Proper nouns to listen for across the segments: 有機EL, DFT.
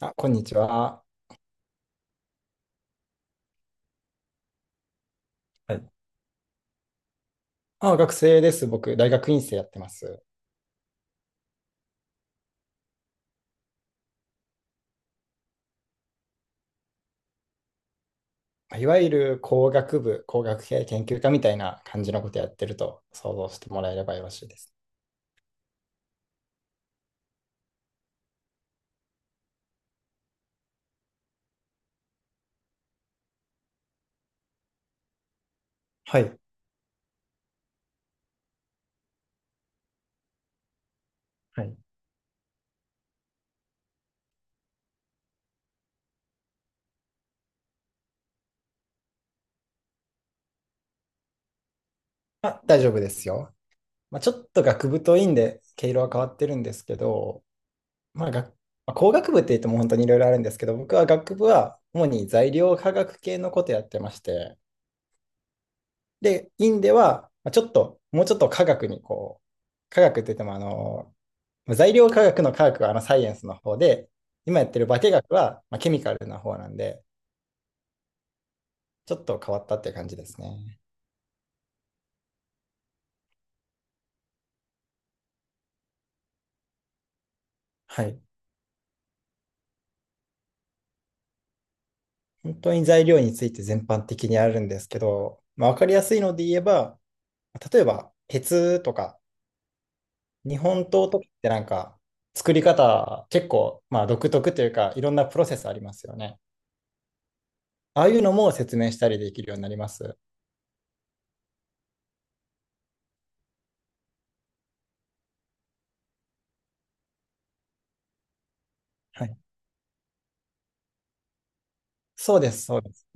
あ、こんにちは。はい。あ、学生です。僕、大学院生やってます。いわゆる工学部、工学系研究科みたいな感じのことやってると想像してもらえればよろしいです。はい。はい。あ、大丈夫ですよ。まあ、ちょっと学部と院で毛色は変わってるんですけど、まあ、学まあ、工学部って言っても本当にいろいろあるんですけど、僕は学部は主に材料科学系のことやってまして、で、院ではまあちょっと、もうちょっと科学にこう、科学って言ってもあの、まあ材料科学の科学はあのサイエンスの方で、今やってる化学はまあケミカルな方なんで、ちょっと変わったって感じですね。はい。本当に材料について全般的にあるんですけど、まあ、わかりやすいので言えば、例えば鉄とか日本刀とかってなんか作り方結構まあ独特というかいろんなプロセスありますよね。ああいうのも説明したりできるようになります。はい。そうです、そうです。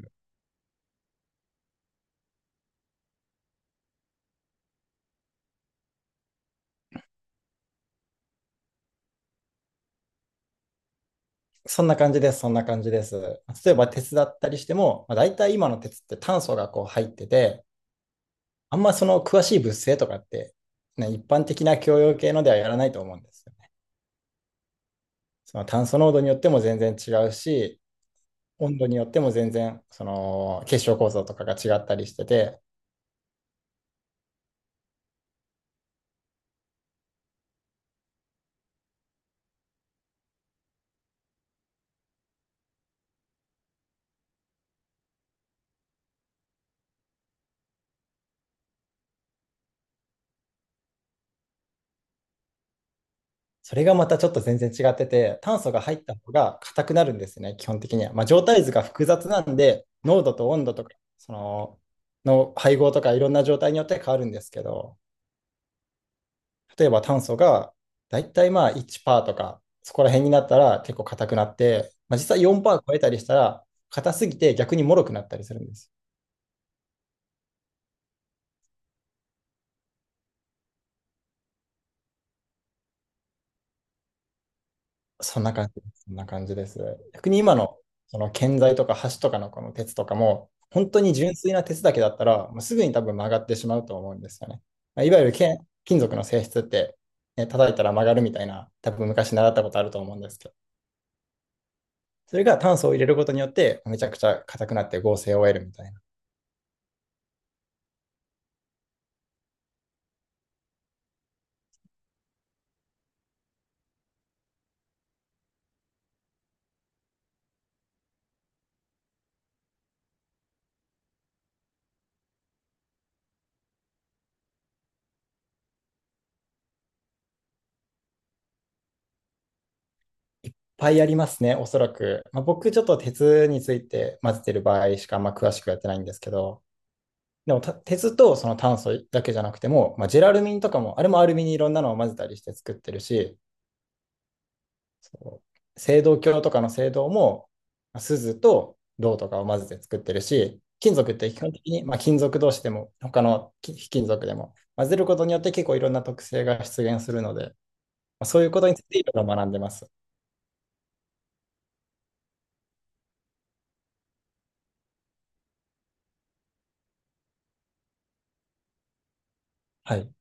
そんな感じです、そんな感じです。例えば鉄だったりしても、まあ、大体今の鉄って炭素がこう入ってて、あんまその詳しい物性とかって、ね、一般的な共用系のではやらないと思うんですよね。その炭素濃度によっても全然違うし、温度によっても全然その結晶構造とかが違ったりしてて、それがまたちょっと全然違ってて、炭素が入った方が硬くなるんですね、基本的には。まあ、状態図が複雑なんで、濃度と温度とか、その配合とかいろんな状態によって変わるんですけど、例えば炭素がだいたいまあ1%とか、そこら辺になったら結構硬くなって、まあ、実際4%超えたりしたら、硬すぎて逆に脆くなったりするんです。そんな感じです。そんな感じです。逆に今のその建材とか橋とかのこの鉄とかも、本当に純粋な鉄だけだったら、もうすぐに多分曲がってしまうと思うんですよね。まあいわゆるけん金属の性質って、ね、叩いたら曲がるみたいな、多分昔習ったことあると思うんですけど、それが炭素を入れることによって、めちゃくちゃ硬くなって合成を得るみたいな。いっぱいありますね、おそらく。まあ、僕、ちょっと鉄について混ぜてる場合しかあんま詳しくやってないんですけど、でも鉄とその炭素だけじゃなくても、まあ、ジェラルミンとかも、あれもアルミにいろんなのを混ぜたりして作ってるし、そう、青銅鏡とかの青銅も、ま錫と銅とかを混ぜて作ってるし、金属って基本的に、まあ、金属同士でも、他の非金属でも、混ぜることによって結構いろんな特性が出現するので、まあ、そういうことについていろいろ学んでます。はい。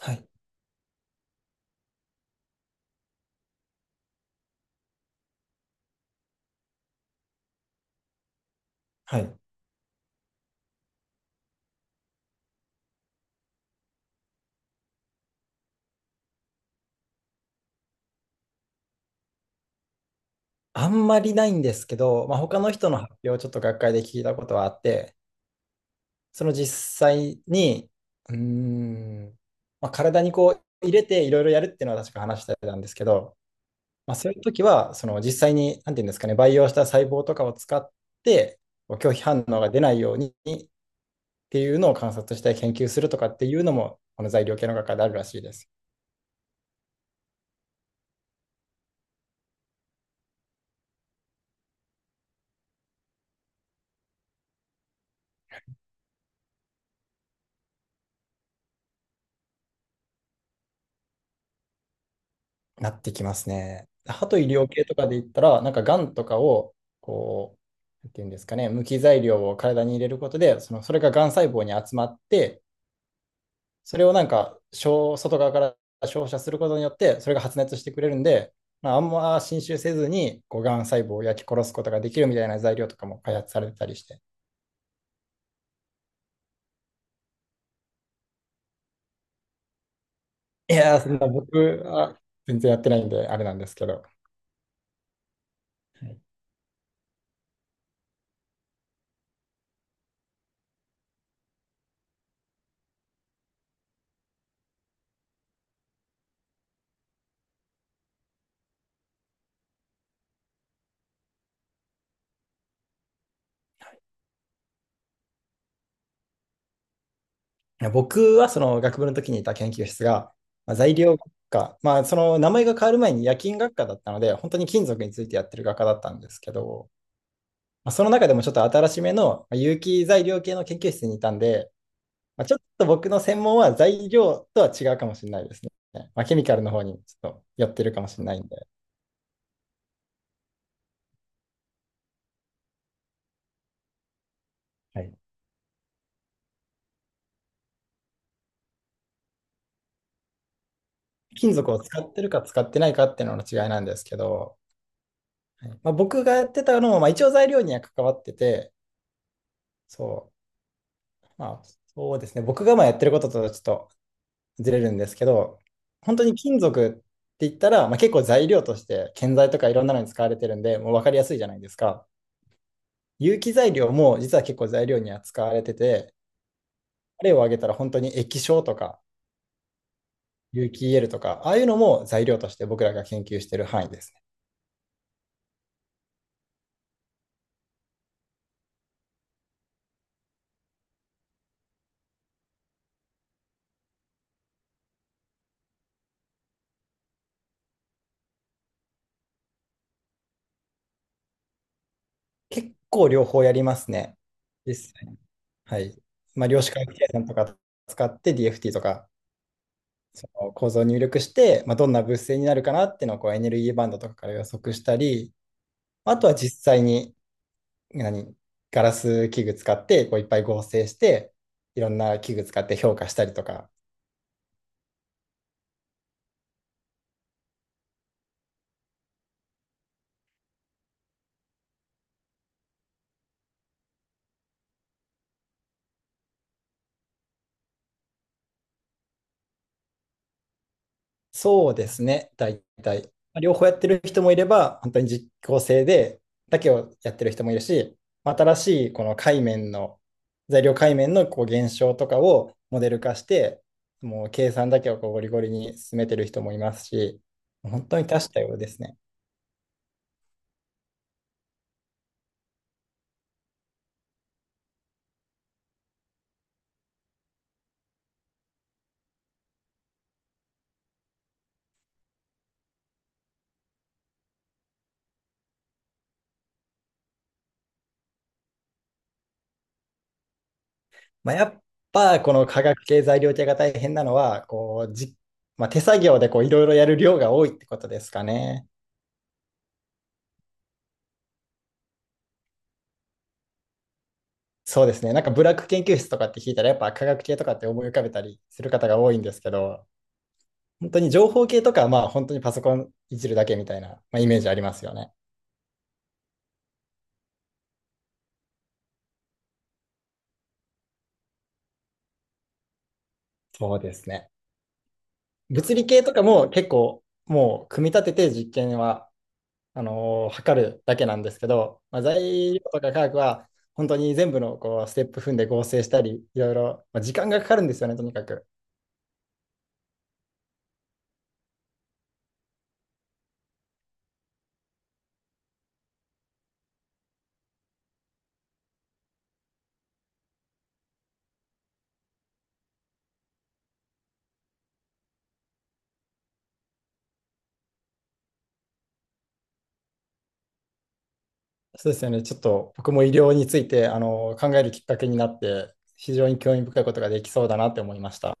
はい。はい。あんまりないんですけど、まあ、他の人の発表をちょっと学会で聞いたことはあって、その実際に、うーん、まあ、体にこう入れていろいろやるっていうのは確か話してたんですけど、まあ、そういう時は、その実際に、なんていうんですかね、培養した細胞とかを使って、こう拒否反応が出ないようにっていうのを観察して研究するとかっていうのも、この材料系の学会であるらしいです。なってきますね。歯と医療系とかで言ったら、なんかがんとかを、こう、なんていうんですかね、無機材料を体に入れることで、その、それががん細胞に集まって、それをなんか、小外側から照射することによって、それが発熱してくれるんで、まあ、あんま侵襲せずに、こう、がん細胞を焼き殺すことができるみたいな材料とかも開発されてたりして。いやー、そんな僕は全然やってないんで、あれなんですけど。はい。いや、僕はその学部の時にいた研究室が、まあ、材料学科、まあ、その名前が変わる前に冶金学科だったので、本当に金属についてやってる学科だったんですけど、まあ、その中でもちょっと新しめのまあ有機材料系の研究室にいたんで、まあ、ちょっと僕の専門は材料とは違うかもしれないですね。まあ、ケミカルの方にちょっと寄ってるかもしれないんで、はい、金属を使ってるか使ってないかっていうのの違いなんですけど、はい、まあ、僕がやってたのも、まあ、一応材料には関わってて、そう、まあ、そうですね、僕がまあやってることとちょっとずれるんですけど、本当に金属って言ったら、まあ、結構材料として建材とかいろんなのに使われてるんで、もう分かりやすいじゃないですか。有機材料も実は結構材料には使われてて、例を挙げたら本当に液晶とか有機 EL とか、ああいうのも材料として僕らが研究している範囲ですね。結構両方やりますね。実際はい。まあ、量子回避計算とか使って DFT とか、その構造を入力して、まあ、どんな物性になるかなっていうのをこうエネルギーバンドとかから予測したり、あとは実際に、何、ガラス器具使ってこういっぱい合成して、いろんな器具使って評価したりとか、そうですね、大体。両方やってる人もいれば、本当に実効性で、だけをやってる人もいるし、新しいこの界面の、材料界面のこう現象とかをモデル化して、もう計算だけをこうゴリゴリに進めてる人もいますし、本当に多種多様ですね。まあ、やっぱこの化学系材料系が大変なのは、こうじ、まあ、手作業でこういろいろやる量が多いってことですかね。そうですね。なんかブラック研究室とかって聞いたら、やっぱ科学系とかって思い浮かべたりする方が多いんですけど、本当に情報系とかはまあ本当にパソコンいじるだけみたいな、まあ、イメージありますよね。そうですね。物理系とかも結構もう組み立てて実験は測るだけなんですけど、まあ、材料とか科学は本当に全部のこうステップ踏んで合成したり、いろいろ、まあ、時間がかかるんですよね、とにかく。そうですよね。ちょっと僕も医療についてあの考えるきっかけになって、非常に興味深いことができそうだなって思いました。